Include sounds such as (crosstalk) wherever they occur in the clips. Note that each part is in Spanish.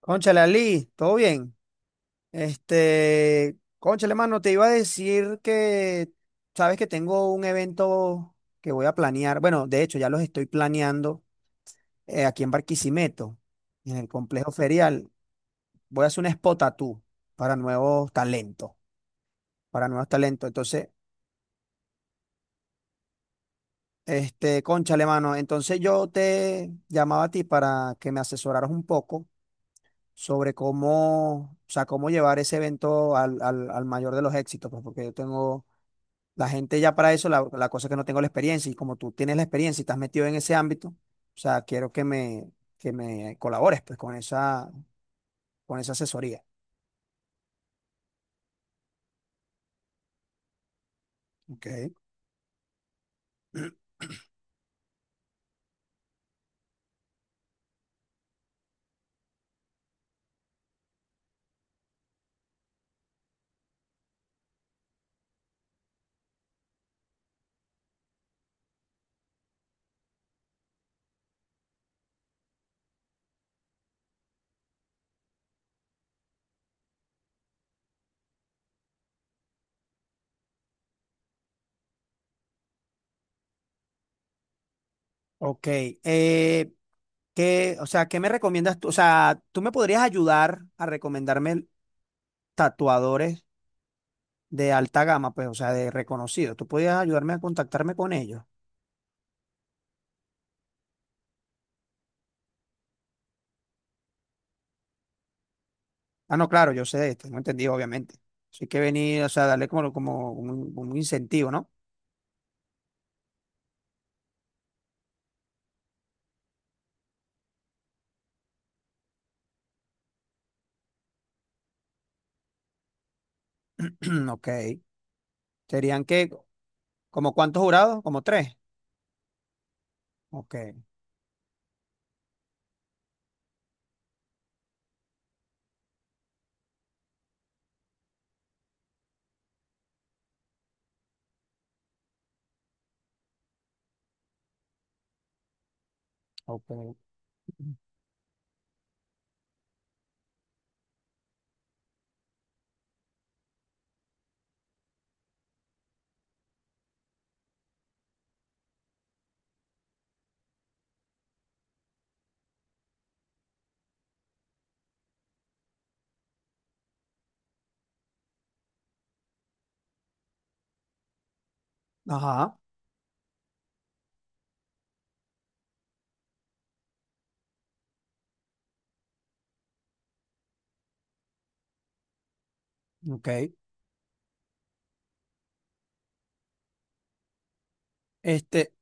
Cónchale, Ali, ¿todo bien? Cónchale, mano, te iba a decir que, sabes que tengo un evento que voy a planear. Bueno, de hecho ya los estoy planeando aquí en Barquisimeto, en el complejo ferial. Voy a hacer un spot tattoo para nuevos talentos, para nuevos talentos. Entonces, cónchale, mano, entonces yo te llamaba a ti para que me asesoraras un poco sobre cómo, o sea, cómo llevar ese evento al mayor de los éxitos, pues, porque yo tengo la gente ya para eso. La cosa es que no tengo la experiencia y como tú tienes la experiencia y estás metido en ese ámbito, o sea, quiero que me colabores pues con esa asesoría. Ok. Ok. eh, o sea, ¿qué me recomiendas tú? O sea, ¿tú me podrías ayudar a recomendarme tatuadores de alta gama, pues, o sea, de reconocidos? ¿Tú podrías ayudarme a contactarme con ellos? Ah, no, claro, yo sé de esto, no entendí, obviamente. Así que venir, o sea, darle como, como un incentivo, ¿no? (clears throat) Ok. Serían que... ¿Como cuántos jurados? Como tres. Ok, ok. Ajá, ok. Este,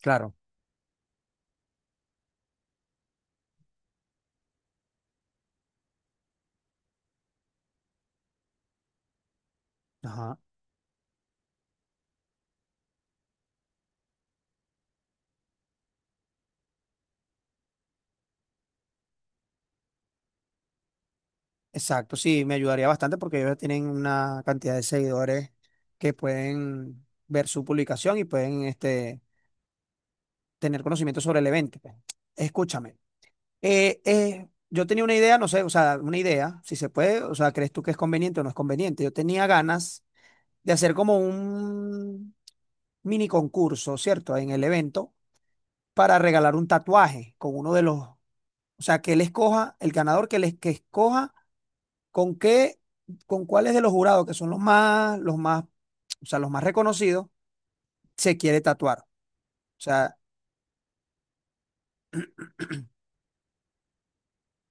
claro, ajá. Exacto, sí, me ayudaría bastante porque ellos tienen una cantidad de seguidores que pueden ver su publicación y pueden tener conocimiento sobre el evento, pues. Escúchame, yo tenía una idea, no sé, o sea, una idea, si se puede, o sea, ¿crees tú que es conveniente o no es conveniente? Yo tenía ganas de hacer como un mini concurso, ¿cierto? En el evento para regalar un tatuaje con uno de los, o sea, que él escoja, el ganador que, les, que escoja con qué, con cuáles de los jurados, que son o sea, los más reconocidos, se quiere tatuar. O sea,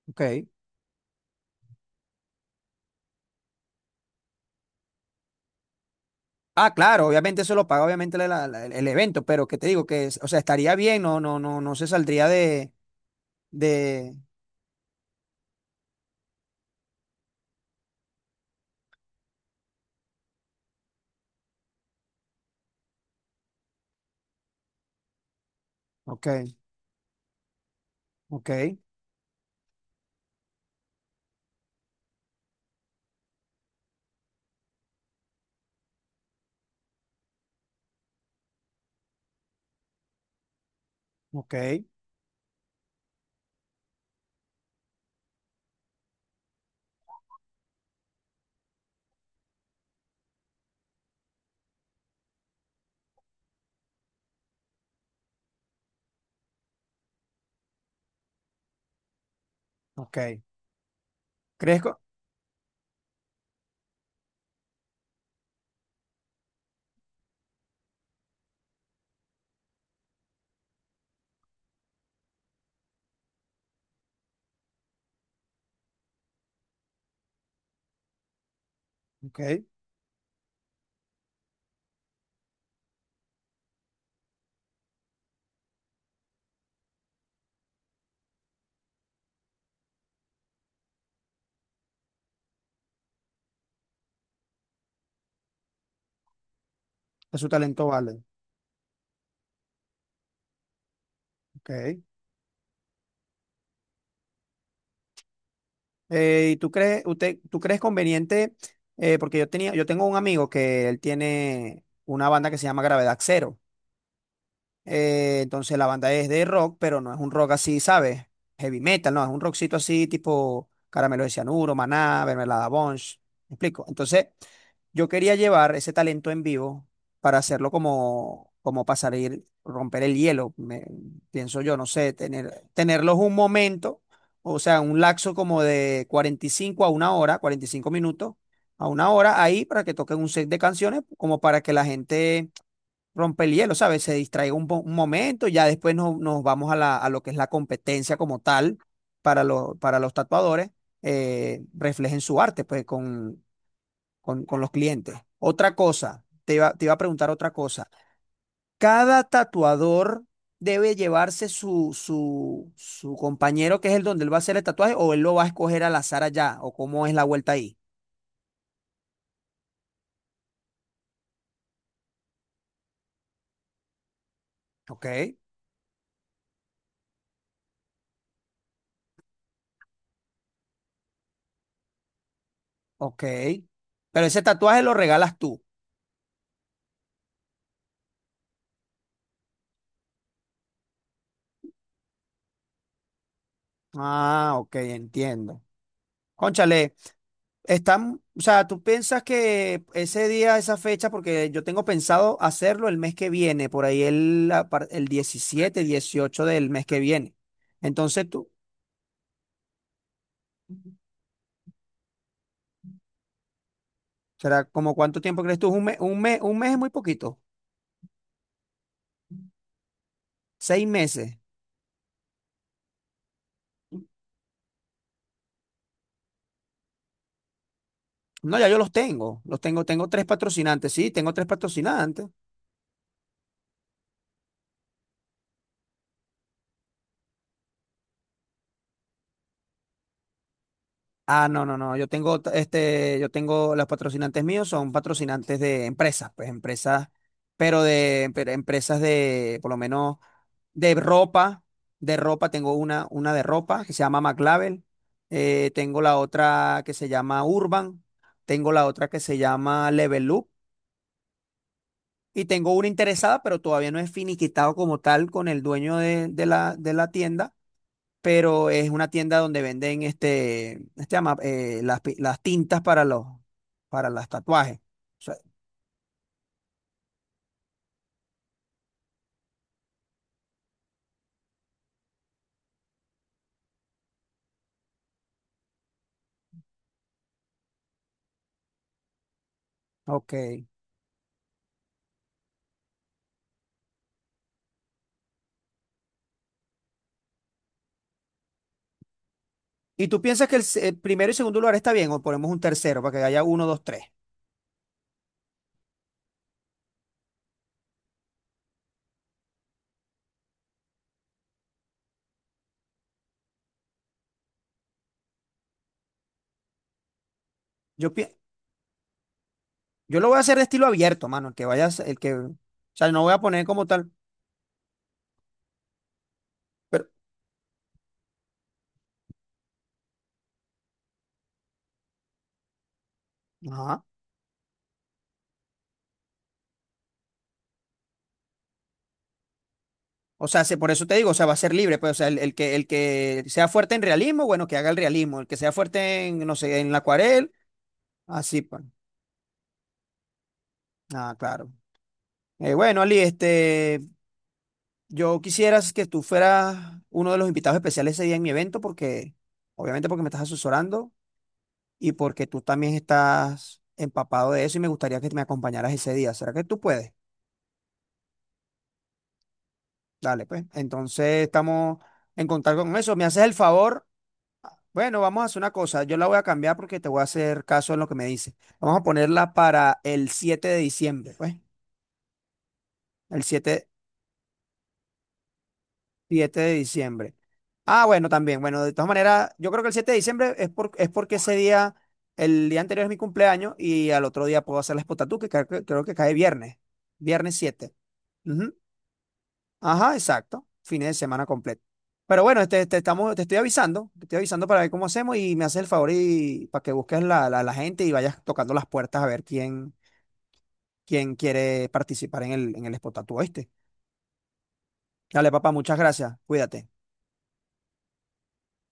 ok. Ah, claro, obviamente eso lo paga obviamente el evento, pero que te digo que, o sea, estaría bien, no se saldría de, de, ok, ok, ok, ok. ¿Crees que, ok, que su talento vale? Ok. ¿Y tú crees conveniente? Porque yo tenía, yo tengo un amigo que él tiene una banda que se llama Gravedad Cero. Entonces la banda es de rock, pero no es un rock así, ¿sabes? Heavy metal, no, es un rockcito así tipo Caramelo de Cianuro, Maná, Mermelada Bunch, ¿me explico? Entonces yo quería llevar ese talento en vivo para hacerlo como, como pasar a ir romper el hielo, pienso yo, no sé, tenerlos un momento, o sea, un laxo como de 45 a una hora, 45 minutos a una hora ahí para que toquen un set de canciones, como para que la gente rompe el hielo, ¿sabes? Se distraiga un momento, ya después nos vamos a, a lo que es la competencia como tal para, para los tatuadores, reflejen su arte pues con, con los clientes. Otra cosa, te iba a preguntar otra cosa. Cada tatuador debe llevarse su compañero que es el donde él va a hacer el tatuaje o él lo va a escoger al azar allá o cómo es la vuelta ahí. Ok, ok. Pero ese tatuaje lo regalas tú. Ah, ok, entiendo. Cónchale. Están, o sea, tú piensas que ese día, esa fecha, porque yo tengo pensado hacerlo el mes que viene, por ahí el 17, 18 del mes que viene. Entonces tú, ¿será como cuánto tiempo crees tú? Un mes es muy poquito, 6 meses. No, ya yo los tengo, tengo tres patrocinantes, sí, tengo tres patrocinantes. Ah, no, no, no, yo tengo, los patrocinantes míos son patrocinantes de empresas, pues empresas, pero de, pero empresas de, por lo menos. De ropa, de ropa, tengo una de ropa que se llama McLabel, tengo la otra que se llama Urban, tengo la otra que se llama Level Up y tengo una interesada, pero todavía no es finiquitado como tal con el dueño de, de la tienda, pero es una tienda donde venden este, las, las tintas para los tatuajes. O sea, ok. ¿Y tú piensas que el primero y segundo lugar está bien o ponemos un tercero para que haya uno, dos, tres? Yo pienso. Yo lo voy a hacer de estilo abierto, mano, el que vayas, el que, o sea, no voy a poner como tal, pero, ajá. O sea, por eso te digo, o sea, va a ser libre, pues, o sea, el que sea fuerte en realismo, bueno, que haga el realismo, el que sea fuerte en, no sé, en la acuarel, así, pues. Ah, claro. Bueno, Ali, yo quisiera que tú fueras uno de los invitados especiales ese día en mi evento, porque, obviamente, porque me estás asesorando y porque tú también estás empapado de eso y me gustaría que me acompañaras ese día. ¿Será que tú puedes? Dale, pues. Entonces estamos en contacto con eso. ¿Me haces el favor? Bueno, vamos a hacer una cosa. Yo la voy a cambiar porque te voy a hacer caso en lo que me dice. Vamos a ponerla para el 7 de diciembre, pues. El 7, 7 de diciembre. Ah, bueno, también. Bueno, de todas maneras, yo creo que el 7 de diciembre es, es porque ese día, el día anterior es mi cumpleaños y al otro día puedo hacer la espotatu, que creo que cae viernes. Viernes 7. Ajá, exacto. Fines de semana completo. Pero bueno, te estoy avisando para ver cómo hacemos y me haces el favor y para que busques la gente y vayas tocando las puertas a ver quién, quién quiere participar en en el Spot Tattoo, ¿oíste? Dale, papá, muchas gracias. Cuídate.